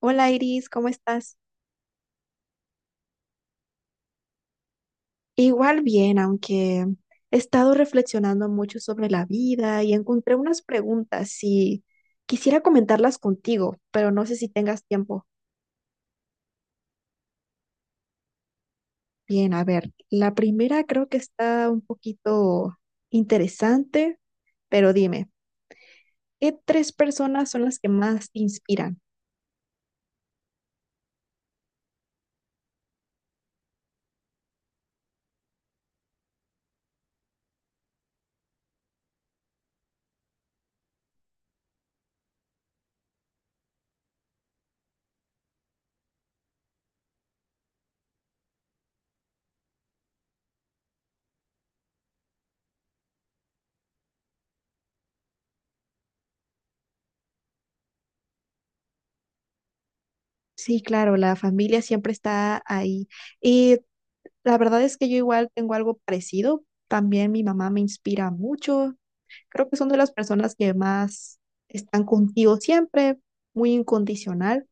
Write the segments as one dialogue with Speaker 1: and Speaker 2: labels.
Speaker 1: Hola Iris, ¿cómo estás? Igual bien, aunque he estado reflexionando mucho sobre la vida y encontré unas preguntas y quisiera comentarlas contigo, pero no sé si tengas tiempo. Bien, a ver, la primera creo que está un poquito interesante, pero dime, ¿qué tres personas son las que más te inspiran? Sí, claro, la familia siempre está ahí. Y la verdad es que yo igual tengo algo parecido. También mi mamá me inspira mucho. Creo que son de las personas que más están contigo siempre, muy incondicional.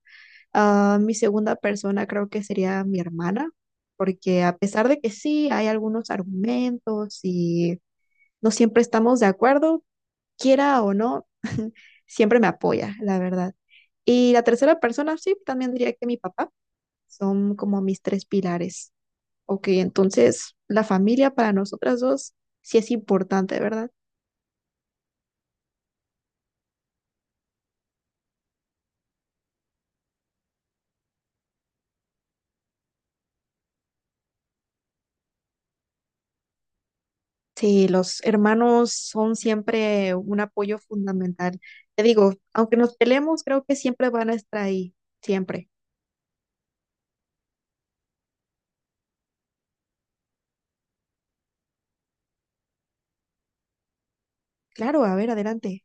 Speaker 1: Ah, mi segunda persona creo que sería mi hermana, porque a pesar de que sí, hay algunos argumentos y no siempre estamos de acuerdo, quiera o no, siempre me apoya, la verdad. Y la tercera persona, sí, también diría que mi papá. Son como mis tres pilares. Ok, entonces la familia para nosotras dos sí es importante, ¿verdad? Sí, los hermanos son siempre un apoyo fundamental. Te digo, aunque nos peleemos, creo que siempre van a estar ahí, siempre. Claro, a ver, adelante.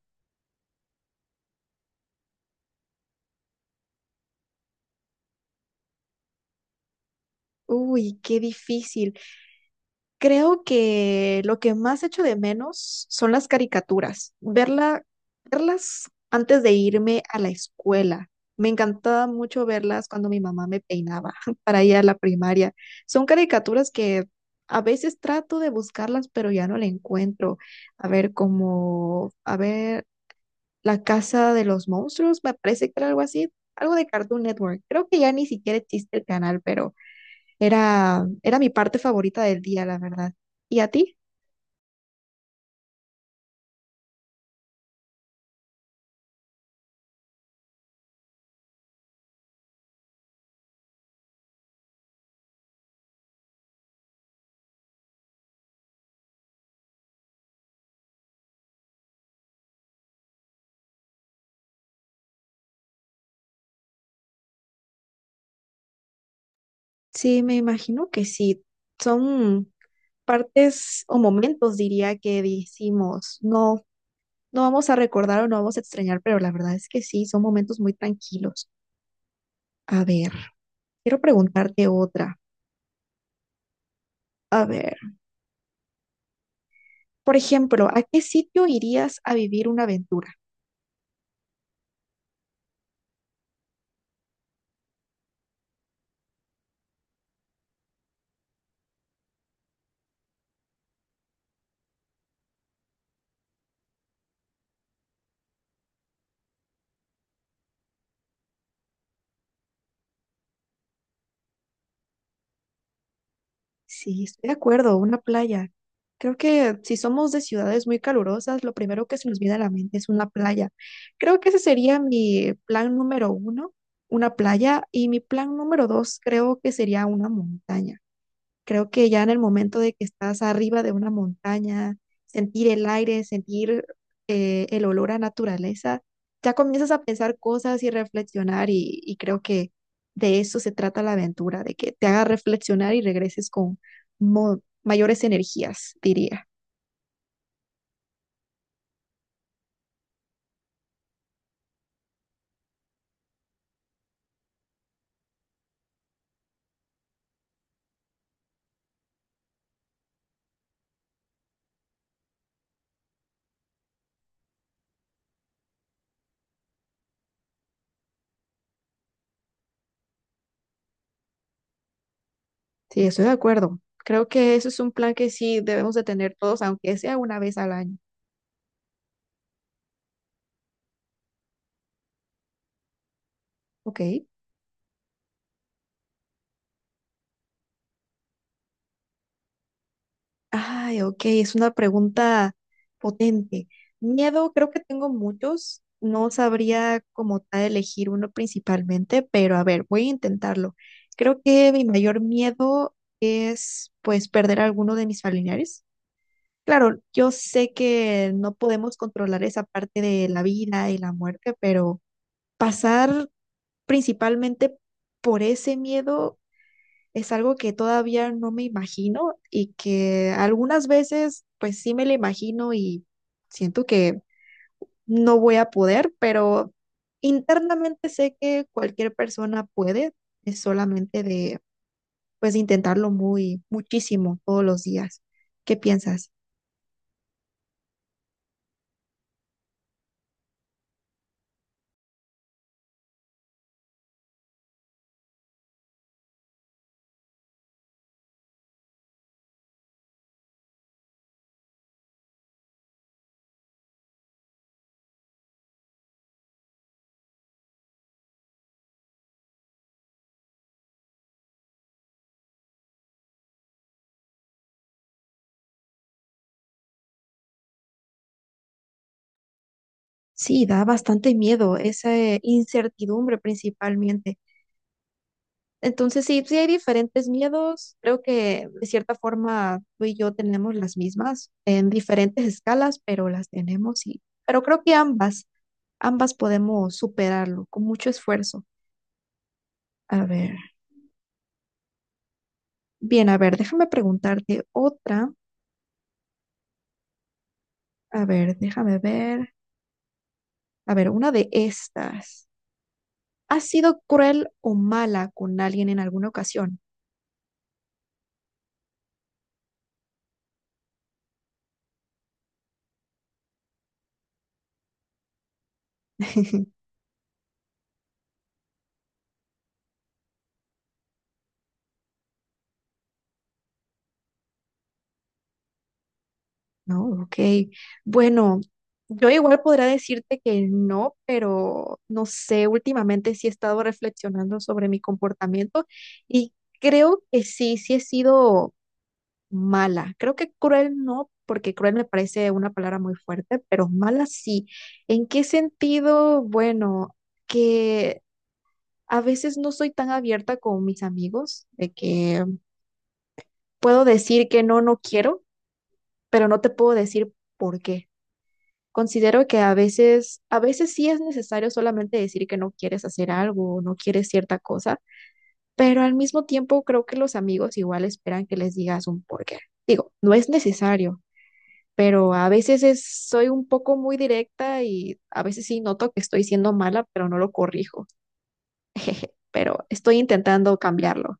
Speaker 1: Uy, qué difícil. Creo que lo que más echo de menos son las caricaturas, verla, verlas antes de irme a la escuela. Me encantaba mucho verlas cuando mi mamá me peinaba para ir a la primaria. Son caricaturas que a veces trato de buscarlas, pero ya no la encuentro. A ver, como, a ver, La Casa de los Monstruos, me parece que era algo así, algo de Cartoon Network. Creo que ya ni siquiera existe el canal, pero... Era mi parte favorita del día, la verdad. ¿Y a ti? Sí, me imagino que sí. Son partes o momentos, diría, que decimos, no, no vamos a recordar o no vamos a extrañar, pero la verdad es que sí, son momentos muy tranquilos. A ver, quiero preguntarte otra. A ver, por ejemplo, ¿a qué sitio irías a vivir una aventura? Sí, estoy de acuerdo, una playa. Creo que si somos de ciudades muy calurosas, lo primero que se nos viene a la mente es una playa. Creo que ese sería mi plan número uno, una playa, y mi plan número dos creo que sería una montaña. Creo que ya en el momento de que estás arriba de una montaña, sentir el aire, sentir el olor a naturaleza, ya comienzas a pensar cosas y reflexionar y creo que de eso se trata la aventura, de que te haga reflexionar y regreses con mayores energías, diría. Sí, estoy de acuerdo. Creo que eso es un plan que sí debemos de tener todos, aunque sea una vez al año. Ok. Ay, ok, es una pregunta potente. Miedo, creo que tengo muchos. No sabría como tal elegir uno principalmente, pero a ver, voy a intentarlo. Creo que mi mayor miedo es pues perder a alguno de mis familiares. Claro, yo sé que no podemos controlar esa parte de la vida y la muerte, pero pasar principalmente por ese miedo es algo que todavía no me imagino y que algunas veces pues sí me lo imagino y siento que no voy a poder, pero internamente sé que cualquier persona puede, es solamente de pues intentarlo muy muchísimo todos los días. ¿Qué piensas? Sí, da bastante miedo, esa incertidumbre principalmente. Entonces, sí, sí hay diferentes miedos. Creo que de cierta forma tú y yo tenemos las mismas en diferentes escalas, pero las tenemos y, pero creo que ambas, ambas podemos superarlo con mucho esfuerzo. A ver, bien, a ver, déjame preguntarte otra. A ver, déjame ver. A ver, una de estas. ¿Has sido cruel o mala con alguien en alguna ocasión? No, ok. Bueno, yo igual podría decirte que no, pero no sé, últimamente sí he estado reflexionando sobre mi comportamiento y creo que sí, sí he sido mala. Creo que cruel no, porque cruel me parece una palabra muy fuerte, pero mala sí. ¿En qué sentido? Bueno, que a veces no soy tan abierta con mis amigos, de que puedo decir que no, no quiero, pero no te puedo decir por qué. Considero que a veces sí es necesario solamente decir que no quieres hacer algo o no quieres cierta cosa, pero al mismo tiempo creo que los amigos igual esperan que les digas un porqué. Digo, no es necesario, pero soy un poco muy directa y a veces sí noto que estoy siendo mala, pero no lo corrijo. Pero estoy intentando cambiarlo.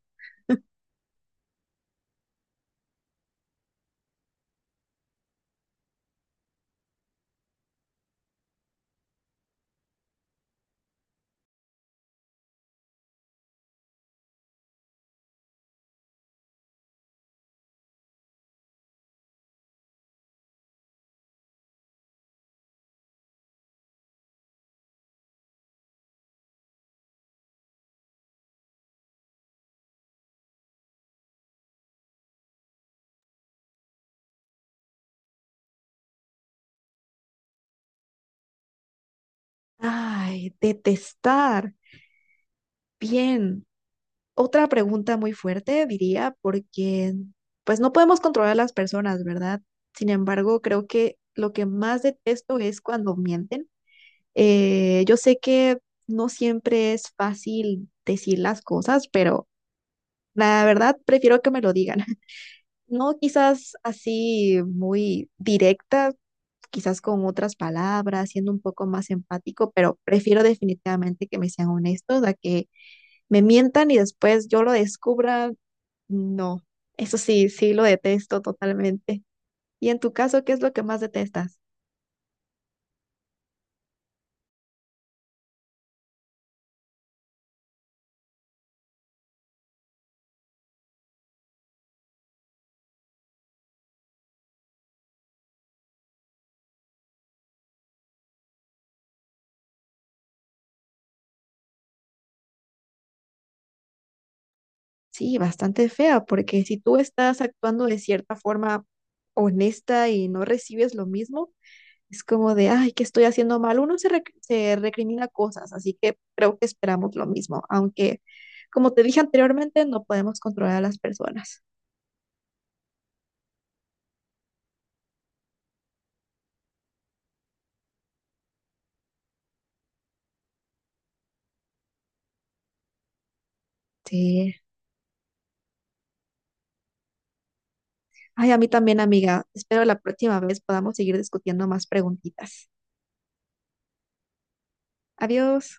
Speaker 1: Ay, detestar. Bien. Otra pregunta muy fuerte, diría, porque pues no podemos controlar a las personas, ¿verdad? Sin embargo, creo que lo que más detesto es cuando mienten. Yo sé que no siempre es fácil decir las cosas, pero la verdad prefiero que me lo digan. No quizás así muy directa, quizás con otras palabras, siendo un poco más empático, pero prefiero definitivamente que me sean honestos a que me mientan y después yo lo descubra no, eso sí, sí lo detesto totalmente. Y en tu caso, ¿qué es lo que más detestas? Sí, bastante fea, porque si tú estás actuando de cierta forma honesta y no recibes lo mismo, es como de, ay, ¿qué estoy haciendo mal? Uno se, se recrimina cosas, así que creo que esperamos lo mismo, aunque, como te dije anteriormente, no podemos controlar a las personas. Sí. Ay, a mí también, amiga. Espero la próxima vez podamos seguir discutiendo más preguntitas. Adiós.